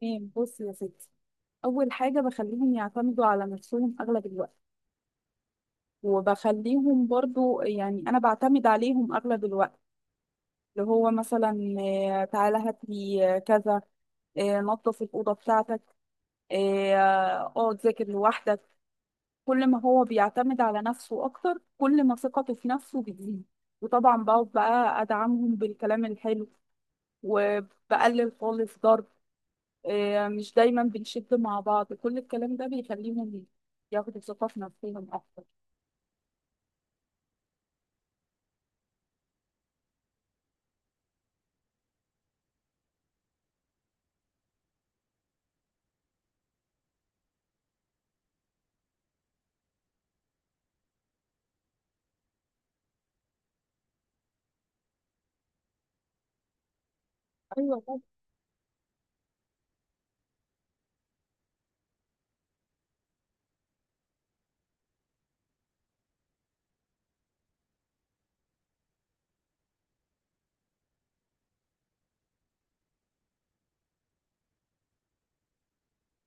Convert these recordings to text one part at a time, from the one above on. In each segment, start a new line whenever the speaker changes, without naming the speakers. تمام، بصي يا ستي. اول حاجه بخليهم يعتمدوا على نفسهم اغلب الوقت. وبخليهم برضو، يعني انا بعتمد عليهم اغلب الوقت. اللي هو مثلا، تعالى هات لي، كذا. نظف الاوضه بتاعتك. اه ذاكر لوحدك. كل ما هو بيعتمد على نفسه اكتر، كل ما ثقته في نفسه بتزيد. وطبعا بقعد بقى ادعمهم بالكلام الحلو، وبقلل خالص ضرب. مش دايما بنشد مع بعض. كل الكلام ده بيخليهم ياخدوا ثقة في نفسهم أكتر. أيوة طبعا.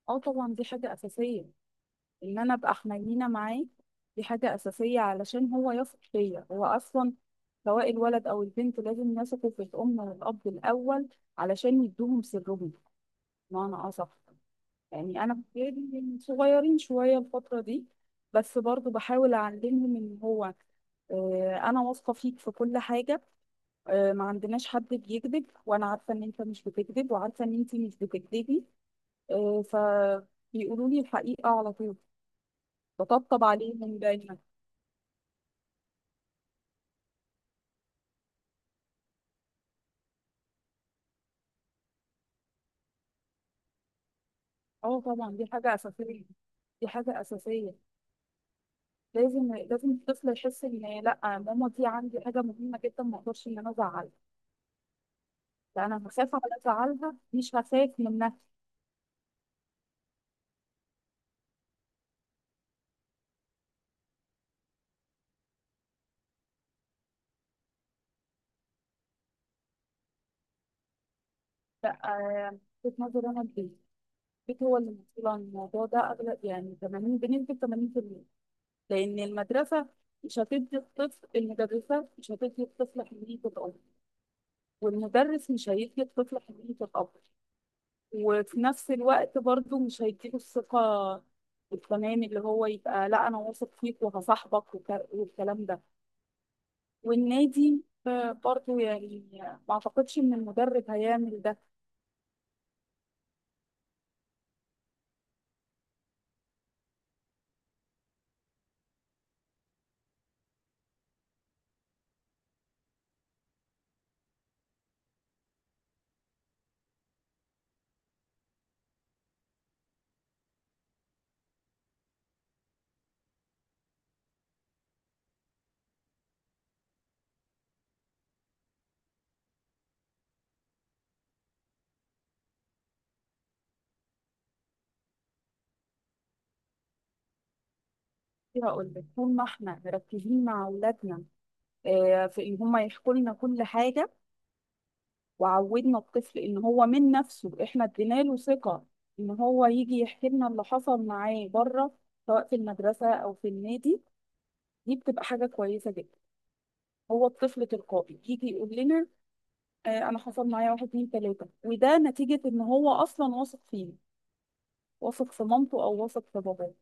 أه طبعا، دي حاجة أساسية. إن أنا أبقى حنينة معاه دي حاجة أساسية، علشان هو يثق فيا هو أصلا. سواء الولد أو البنت لازم يثقوا في الأم والأب الأول، علشان يدوهم سرهم، بمعنى أصح. يعني أنا بتهيألي صغيرين شوية الفترة دي، بس برضو بحاول أعلمهم إن هو، أنا واثقة فيك في كل حاجة. ما عندناش حد بيكذب، وانا عارفه ان انت مش بتكذب، وعارفه ان انت مش بتكذبي. فبيقولوا لي الحقيقه على طول، بطبطب عليهم من دايما. اه طبعا، دي حاجه اساسيه، دي حاجه اساسيه. لازم لازم الطفل يحس ان لا، ماما دي عندي حاجه مهمه جدا، ما اقدرش ان انا ازعلها. لا، انا هخاف على ازعلها، مش هخاف منها. لا. وجهة نظري انا البيت. البيت هو اللي مسؤول عن الموضوع ده اغلب، يعني 80 بنسبه، 80%. لأن المدرسة مش هتدي الطفل، المدرسة مش هتدي الطفل حنية الأب. والمدرس مش هيدي الطفل حنية الأب. وفي نفس الوقت برضه مش هيديله الثقة التمام اللي هو يبقى لا، أنا واثق فيك وهصاحبك، والكلام ده. والنادي، برضه يعني ما أعتقدش إن المدرب هيعمل ده. هقول لك، طول ما احنا مركزين مع أولادنا، في إن هم يحكوا لنا كل حاجة، وعودنا الطفل ان هو من نفسه. احنا ادينا له ثقة ان هو يجي يحكي لنا اللي حصل معاه بره، سواء في المدرسة او في النادي، دي بتبقى حاجة كويسة جدا. هو الطفل تلقائي يجي يقول لنا، انا حصل معايا واحد اتنين تلاتة. وده نتيجة ان هو اصلا واثق فينا، واثق في مامته او واثق في باباه.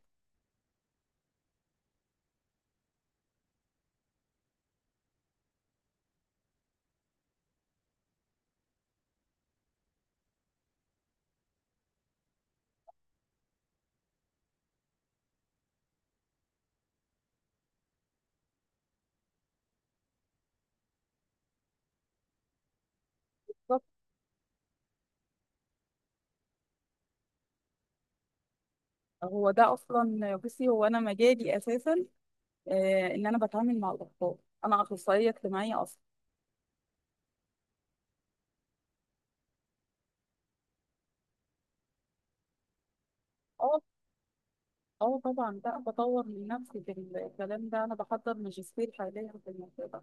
بالظبط. هو ده اصلا، بصي، هو انا مجالي اساسا، ان انا بتعامل مع الاطفال. انا اخصائيه اجتماعيه اصلا. اه طبعا، لا بطور من نفسي في الكلام ده، انا بحضر ماجستير حاليا في الموضوع ده.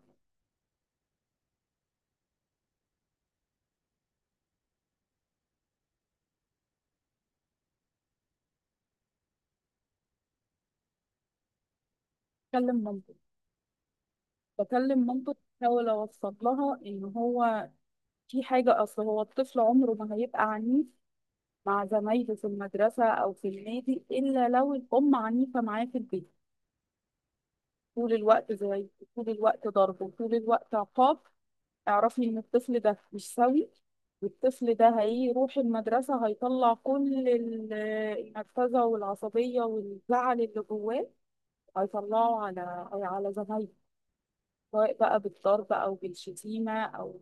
بكلم مامته، بكلم مامته. بحاول اوصل لها ان هو في حاجه. اصل هو الطفل عمره ما هيبقى عنيف مع زمايله في المدرسه او في النادي الا لو الام عنيفه معاه في البيت طول الوقت. زي طول الوقت ضرب، وطول الوقت عقاب. اعرفي ان الطفل ده مش سوي. والطفل ده هيروح المدرسة، هيطلع كل النرفزة والعصبية والزعل اللي جواه. هيطلعوا على زمايله، سواء بقى بالضرب أو بالشتيمة أو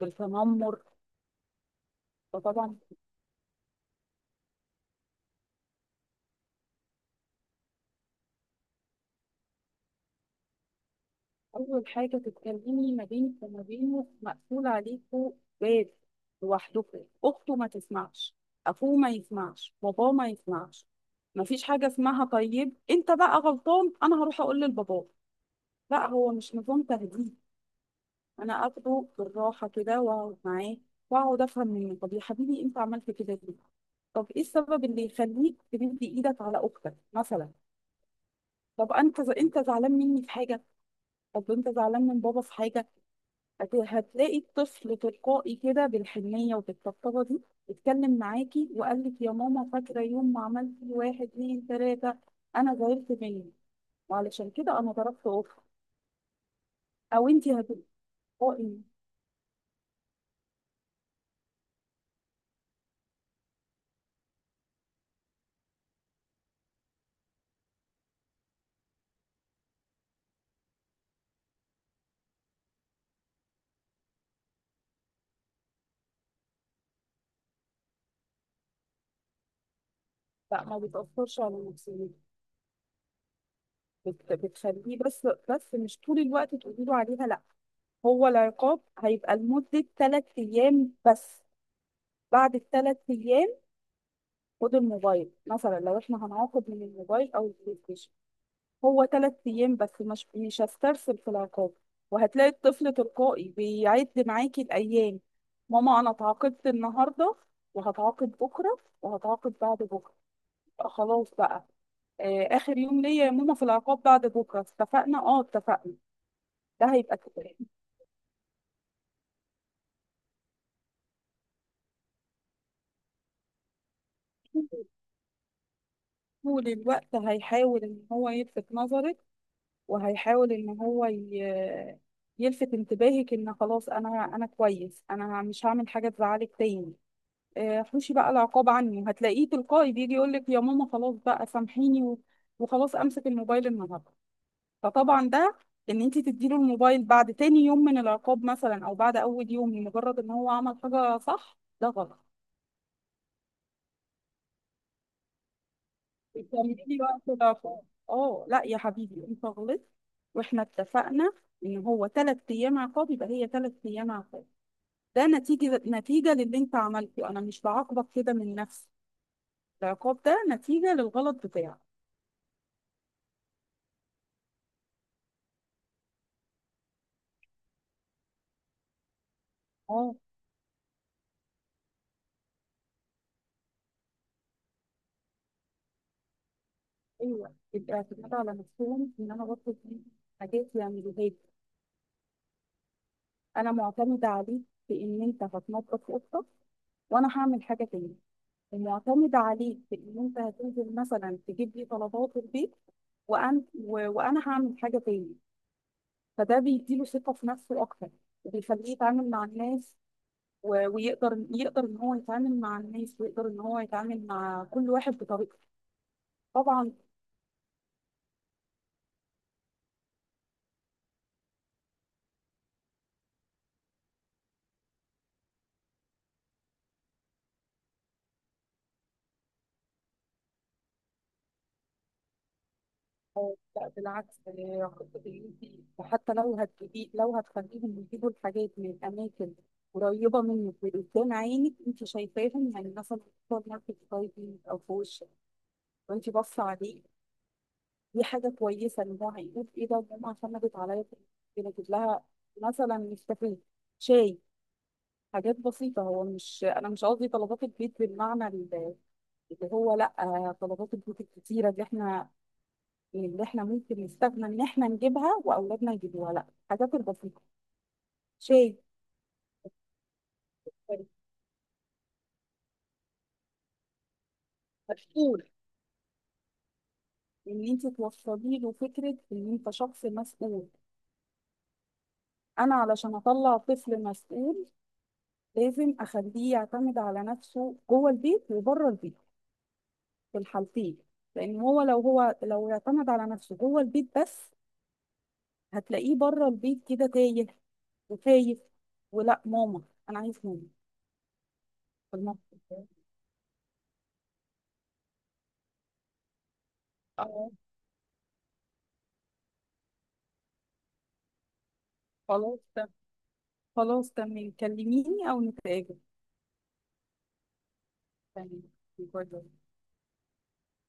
بالتنمر. فطبعا، أول حاجة تتكلمي ما بينك وما بينه، مقفول عليكوا باب، لوحدكوا. أخته ما تسمعش، أخوه ما يسمعش، باباه ما يسمعش. مفيش حاجة اسمها طيب أنت بقى غلطان أنا هروح أقول لباباه، لا. هو مش نظام تهديد. انا اخده بالراحه كده، واقعد معاه، واقعد افهم منه. طب يا حبيبي، انت عملت كده ليه؟ طب ايه السبب اللي يخليك تمد ايدك على اختك مثلا؟ طب انت انت زعلان مني في حاجه؟ طب انت زعلان من بابا في حاجه؟ هتلاقي الطفل تلقائي كده، بالحنيه وبالطبطبه دي، اتكلم معاكي وقال لك، يا ماما، فاكره يوم ما عملت واحد اتنين تلاته؟ انا زعلت مني، وعلشان كده انا ضربت اختي. او انت هتلقائي. لا ما بتاثرش على نفسيتك. بتخليه، بس بس مش طول الوقت تقولي له عليها، لا. هو العقاب هيبقى لمدة ثلاث أيام بس. بعد الثلاث أيام، خد الموبايل مثلا، لو احنا هنعاقب من الموبايل أو البلاي ستيشن، هو ثلاث أيام بس، مش هسترسل في العقاب. وهتلاقي الطفل تلقائي بيعد معاكي الأيام، ماما أنا اتعاقبت النهاردة، وهتعاقب بكرة، وهتعاقب بعد بكرة، يبقى خلاص بقى آخر يوم ليا يا ماما في العقاب بعد بكرة. اتفقنا؟ اه اتفقنا. ده هيبقى طول الوقت هيحاول ان هو يلفت نظرك، وهيحاول ان هو يلفت انتباهك ان خلاص، انا كويس، انا مش هعمل حاجه تزعلك تاني. حوشي بقى العقاب عني، هتلاقيه تلقائي بيجي يقول لك، يا ماما، خلاص بقى سامحيني وخلاص، امسك الموبايل النهارده. فطبعا ده، ان انت تديله الموبايل بعد تاني يوم من العقاب مثلا، او بعد اول يوم، لمجرد ان هو عمل حاجه صح، ده غلط. بتعملي لي وقت ضعف. اه لا يا حبيبي، انت غلطت، واحنا اتفقنا ان هو ثلاث ايام عقاب، يبقى هي ثلاث ايام عقاب. ده نتيجه، نتيجه للي انت عملته. انا مش بعاقبك كده من نفسي، العقاب ده نتيجه للغلط بتاعك. اه ايوه، الاعتماد على نفسهم ان انا بطلب دي حاجات يعملوها لي. انا معتمده عليك في ان انت هتنظف اوضتك، وانا هعمل حاجه تاني. المعتمد عليك في ان انت هتنزل مثلا تجيب لي طلبات البيت، وانا هعمل حاجه تاني. فده بيديله ثقه في نفسه اكتر، وبيخليه يتعامل مع الناس، ويقدر ان هو يتعامل مع الناس، ويقدر ان هو يتعامل مع كل واحد بطريقته. طبعا. لا بالعكس. خطة اللي انت، حتى لو هتجيبي، لو هتخليهم يجيبوا الحاجات من اماكن قريبه منك وقدام عينك، انت شايفاهم، يعني مثلا في سوبر ماركت قريب منك، او في وشك وانت باصه عليه. دي حاجة كويسة، إن هو هيقول، إيه ده، ماما اعتمدت عليا في إني أجيب لها مثلا نسكافيه، شاي. حاجات بسيطة. هو مش، أنا مش قصدي طلبات البيت بالمعنى اللي هو، لأ، طلبات البيت الكتيرة اللي إحنا، اللي إحنا ممكن نستغنى إن إحنا نجيبها وأولادنا يجيبوها، لأ، الحاجات البسيطة، شاي. مسؤول، إن أنت توصلي له فكرة إن أنت شخص مسؤول. أنا علشان أطلع طفل مسؤول، لازم أخليه يعتمد على نفسه جوه البيت وبره البيت، في الحالتين. لان هو لو اعتمد على نفسه جوه البيت بس، هتلاقيه بره البيت كده تايه وخايف، ولا ماما، انا عايز ماما، في المطبخ. آه، خلاص تمام. خلاص تمام، كلميني او نتقابل. تمام. باي باي.